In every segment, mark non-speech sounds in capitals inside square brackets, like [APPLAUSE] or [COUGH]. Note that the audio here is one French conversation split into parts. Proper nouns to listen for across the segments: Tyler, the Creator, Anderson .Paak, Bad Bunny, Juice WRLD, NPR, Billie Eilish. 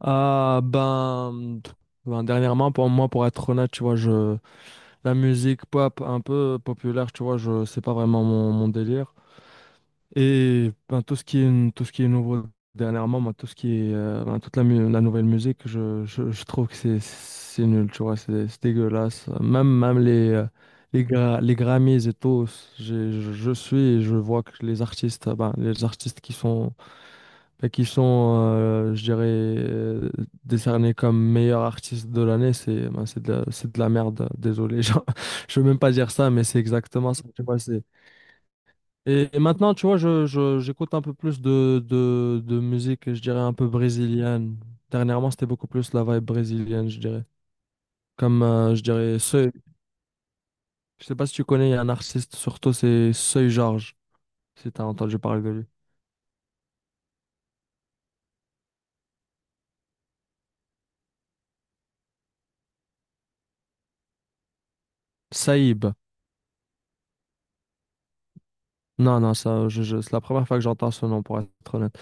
Ah ben, dernièrement pour moi, pour être honnête, tu vois, je la musique pop un peu populaire, tu vois, je c'est pas vraiment mon, délire. Et ben, tout ce qui est nouveau dernièrement, moi, tout ce qui est ben, la nouvelle musique, je trouve que c'est nul, tu vois, c'est dégueulasse, même les les Grammys et tout. Je suis et je vois que les artistes, ben, les artistes qui sont et qui sont, je dirais, décernés comme meilleurs artistes de l'année, c'est, ben, c'est de la merde, désolé. [LAUGHS] Genre, je veux même pas dire ça, mais c'est exactement ça. Tu vois, c'est... Et, maintenant, tu vois, j'écoute un peu plus de, de musique, je dirais, un peu brésilienne. Dernièrement, c'était beaucoup plus la vibe brésilienne, je dirais. Comme, je dirais, Seuil. Je sais pas si tu connais, il y a un artiste, surtout, c'est Seuil Georges, si tu as entendu parler de lui. Saïb. Non, non, ça, c'est la première fois que j'entends ce nom, pour être honnête.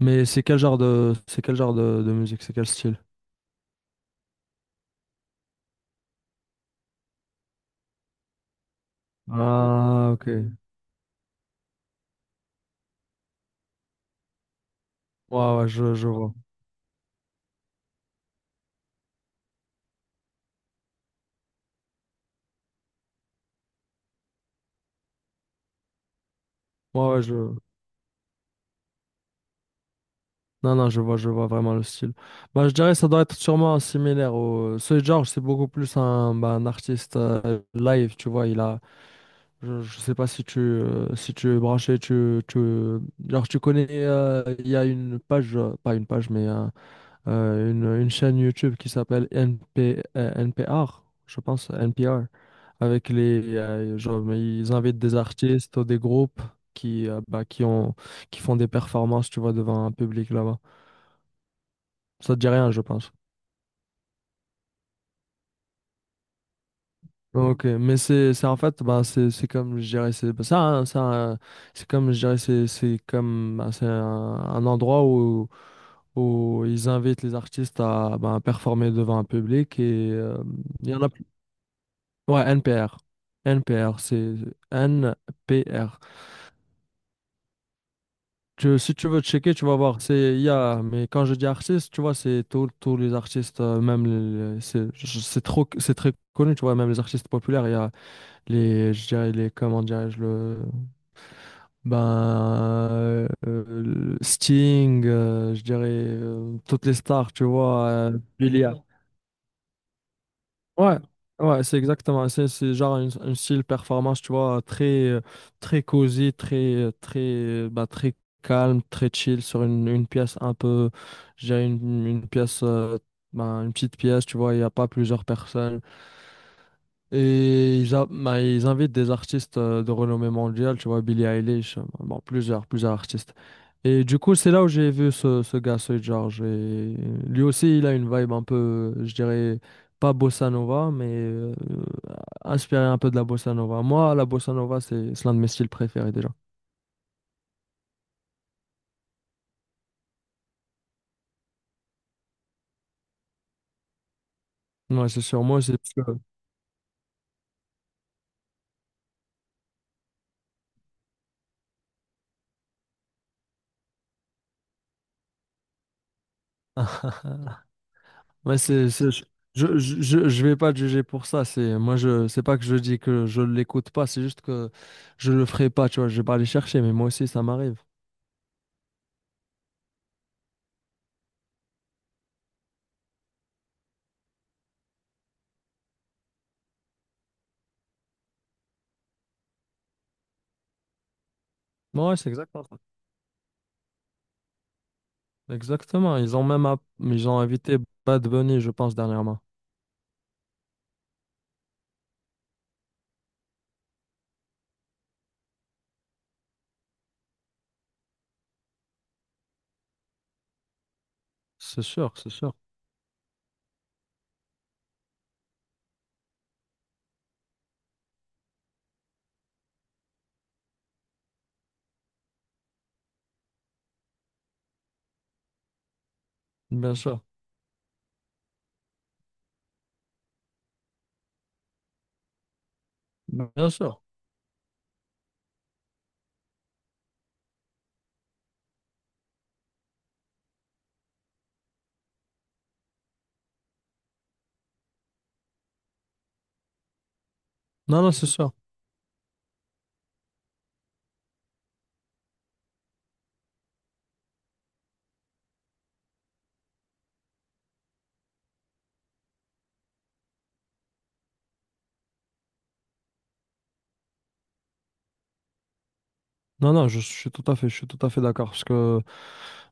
Mais c'est quel genre de, c'est quel genre de musique, c'est quel style? Ah, ok. Ouais, ouais, je vois. Ouais, ouais, je... Non, non, je vois vraiment le style. Bah, je dirais que ça doit être sûrement similaire au... Soy George, c'est beaucoup plus un, bah, un artiste live, tu vois, il a... Je sais pas si tu, si tu es branché, tu... Genre, tu connais... Il y a une page, pas une page, mais... une chaîne YouTube qui s'appelle NPR, je pense, NPR, avec les, genre, mais ils invitent des artistes ou des groupes qui, bah, qui font des performances, tu vois, devant un public là-bas. Ça te dit rien, je pense. Ok, mais c'est, en fait, bah, c'est, comme, je dirais, c'est, bah, c'est comme, je dirais, c'est, comme, bah, c'est un endroit où, ils invitent les artistes à, bah, performer devant un public, et il y en a. Ouais, NPR. NPR, c'est NPR. Si tu veux checker, tu vas voir. C'est, il y a, mais quand je dis artiste, tu vois, c'est tous les artistes, même c'est trop, c'est très connu, tu vois, même les artistes populaires. Il y a les, je dirais, les, comment dirais-je, le, ben, le Sting, je dirais, toutes les stars, tu vois, Billie. Ouais, ouais, c'est exactement. C'est genre un style performance, tu vois, très, très cosy, très, très, bah, très calme, très chill, sur une pièce un peu, je dirais, bah, une petite pièce, tu vois, il n'y a pas plusieurs personnes. Et bah, ils invitent des artistes de renommée mondiale, tu vois, Billie Eilish, bon, plusieurs artistes. Et du coup, c'est là où j'ai vu ce gars, ce George. Et lui aussi, il a une vibe un peu, je dirais, pas bossa nova, mais inspiré un peu de la bossa nova. Moi, la bossa nova, c'est l'un de mes styles préférés déjà. Ouais, c'est sûr. Moi, c'est parce que... [LAUGHS] Ouais, c'est, je vais pas te juger pour ça. C'est, moi, je, c'est pas que je dis que je l'écoute pas, c'est juste que je le ferai pas, tu vois. Je vais pas aller chercher, mais moi aussi, ça m'arrive. Ouais, c'est exactement ça. Exactement. Ils ont même, ils ont invité Bad Bunny, je pense, dernièrement. C'est sûr, c'est sûr. Bien sûr. Bien sûr. Non, non, c'est sûr. Non, non, je suis tout à fait, je suis tout à fait d'accord. Parce que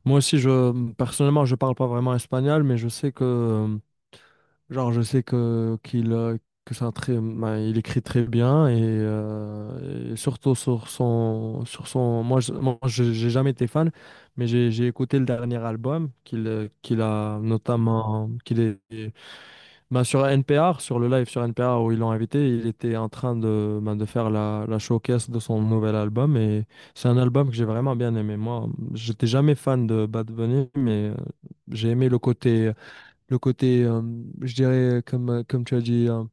moi aussi, personnellement, je parle pas vraiment espagnol, mais je sais que, genre, que c'est un très, ben, il écrit très bien, et surtout sur son, moi, je- j'ai jamais été fan, mais j'ai écouté le dernier album qu'il, qu'il est, ben, sur NPR, sur le live sur NPR où ils l'ont invité. Il était en train de, ben, de faire la showcase de son nouvel album. Et c'est un album que j'ai vraiment bien aimé. Moi, j'étais jamais fan de Bad Bunny, mais j'ai aimé le côté, le côté euh, je dirais, comme, comme tu as dit,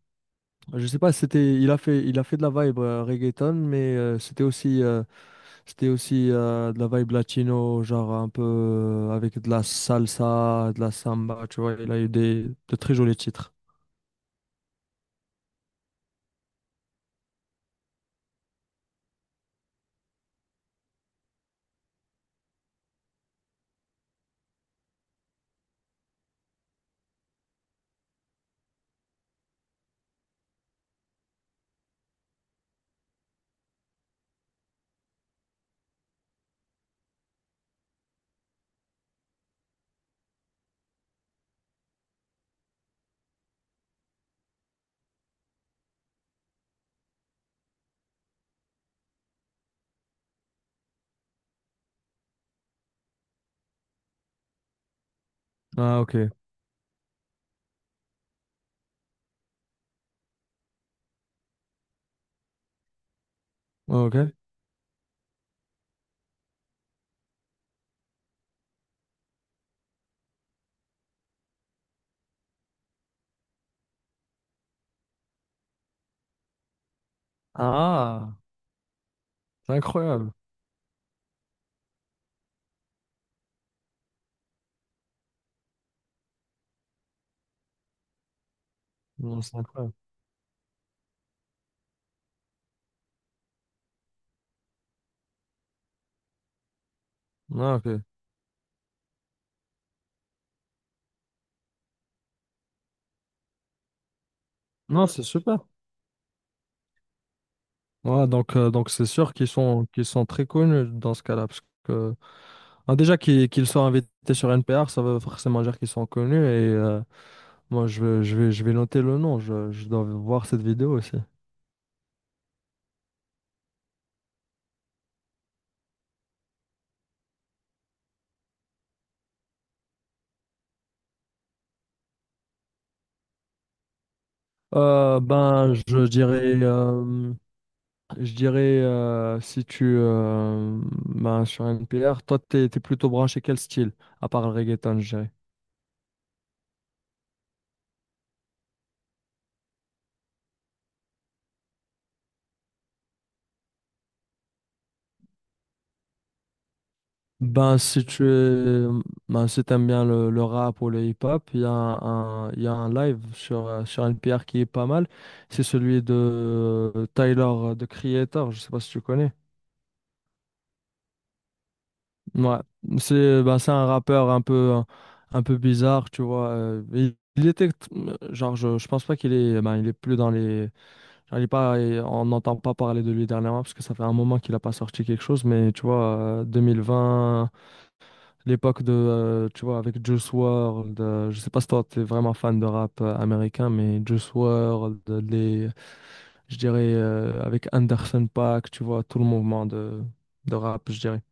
je sais pas, si c'était, il a fait de la vibe reggaeton, mais c'était aussi de la vibe latino, genre un peu avec de la salsa, de la samba, tu vois. Il a eu des, de très jolis titres. Ah, ok. Ok. Ah, c'est incroyable. Non, c'est incroyable. Ah, ok. Non, c'est super. Ouais, donc c'est sûr qu'ils sont, très connus dans ce cas-là, parce que, ah, déjà qu'ils soient invités sur NPR, ça veut forcément dire qu'ils sont connus. Et moi, je vais noter le nom, je dois voir cette vidéo aussi. Ben, je dirais, si tu, ben, sur NPR, toi, t'es plutôt branché quel style, à part le reggaeton, je dirais. Ben, si tu es- Ben, si t'aimes bien le rap ou le hip-hop, il y a il y a un live sur, sur NPR qui est pas mal. C'est celui de Tyler, de Creator, je sais pas si tu connais. Ouais, c'est un rappeur un peu bizarre, tu vois. Il était, genre, je pense pas qu'il est, ben, il est plus dans les... Genre, il est pas, et on n'entend pas parler de lui dernièrement parce que ça fait un moment qu'il a pas sorti quelque chose. Mais tu vois, 2020. L'époque de, tu vois, avec Juice World, je sais pas si toi t'es vraiment fan de rap américain, mais Juice WRLD, je dirais, avec Anderson .Paak, tu vois, tout le mouvement de, rap, je dirais.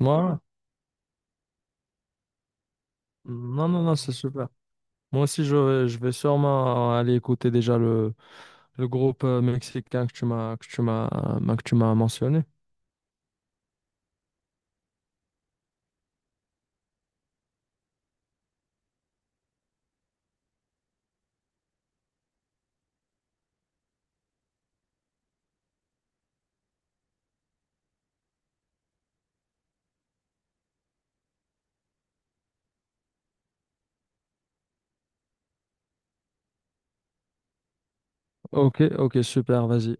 Ouais, ouais. Non, non, non, c'est super. Moi aussi, je vais sûrement aller écouter déjà le, groupe mexicain que tu m'as, que tu m'as mentionné. Ok, ok, super, vas-y.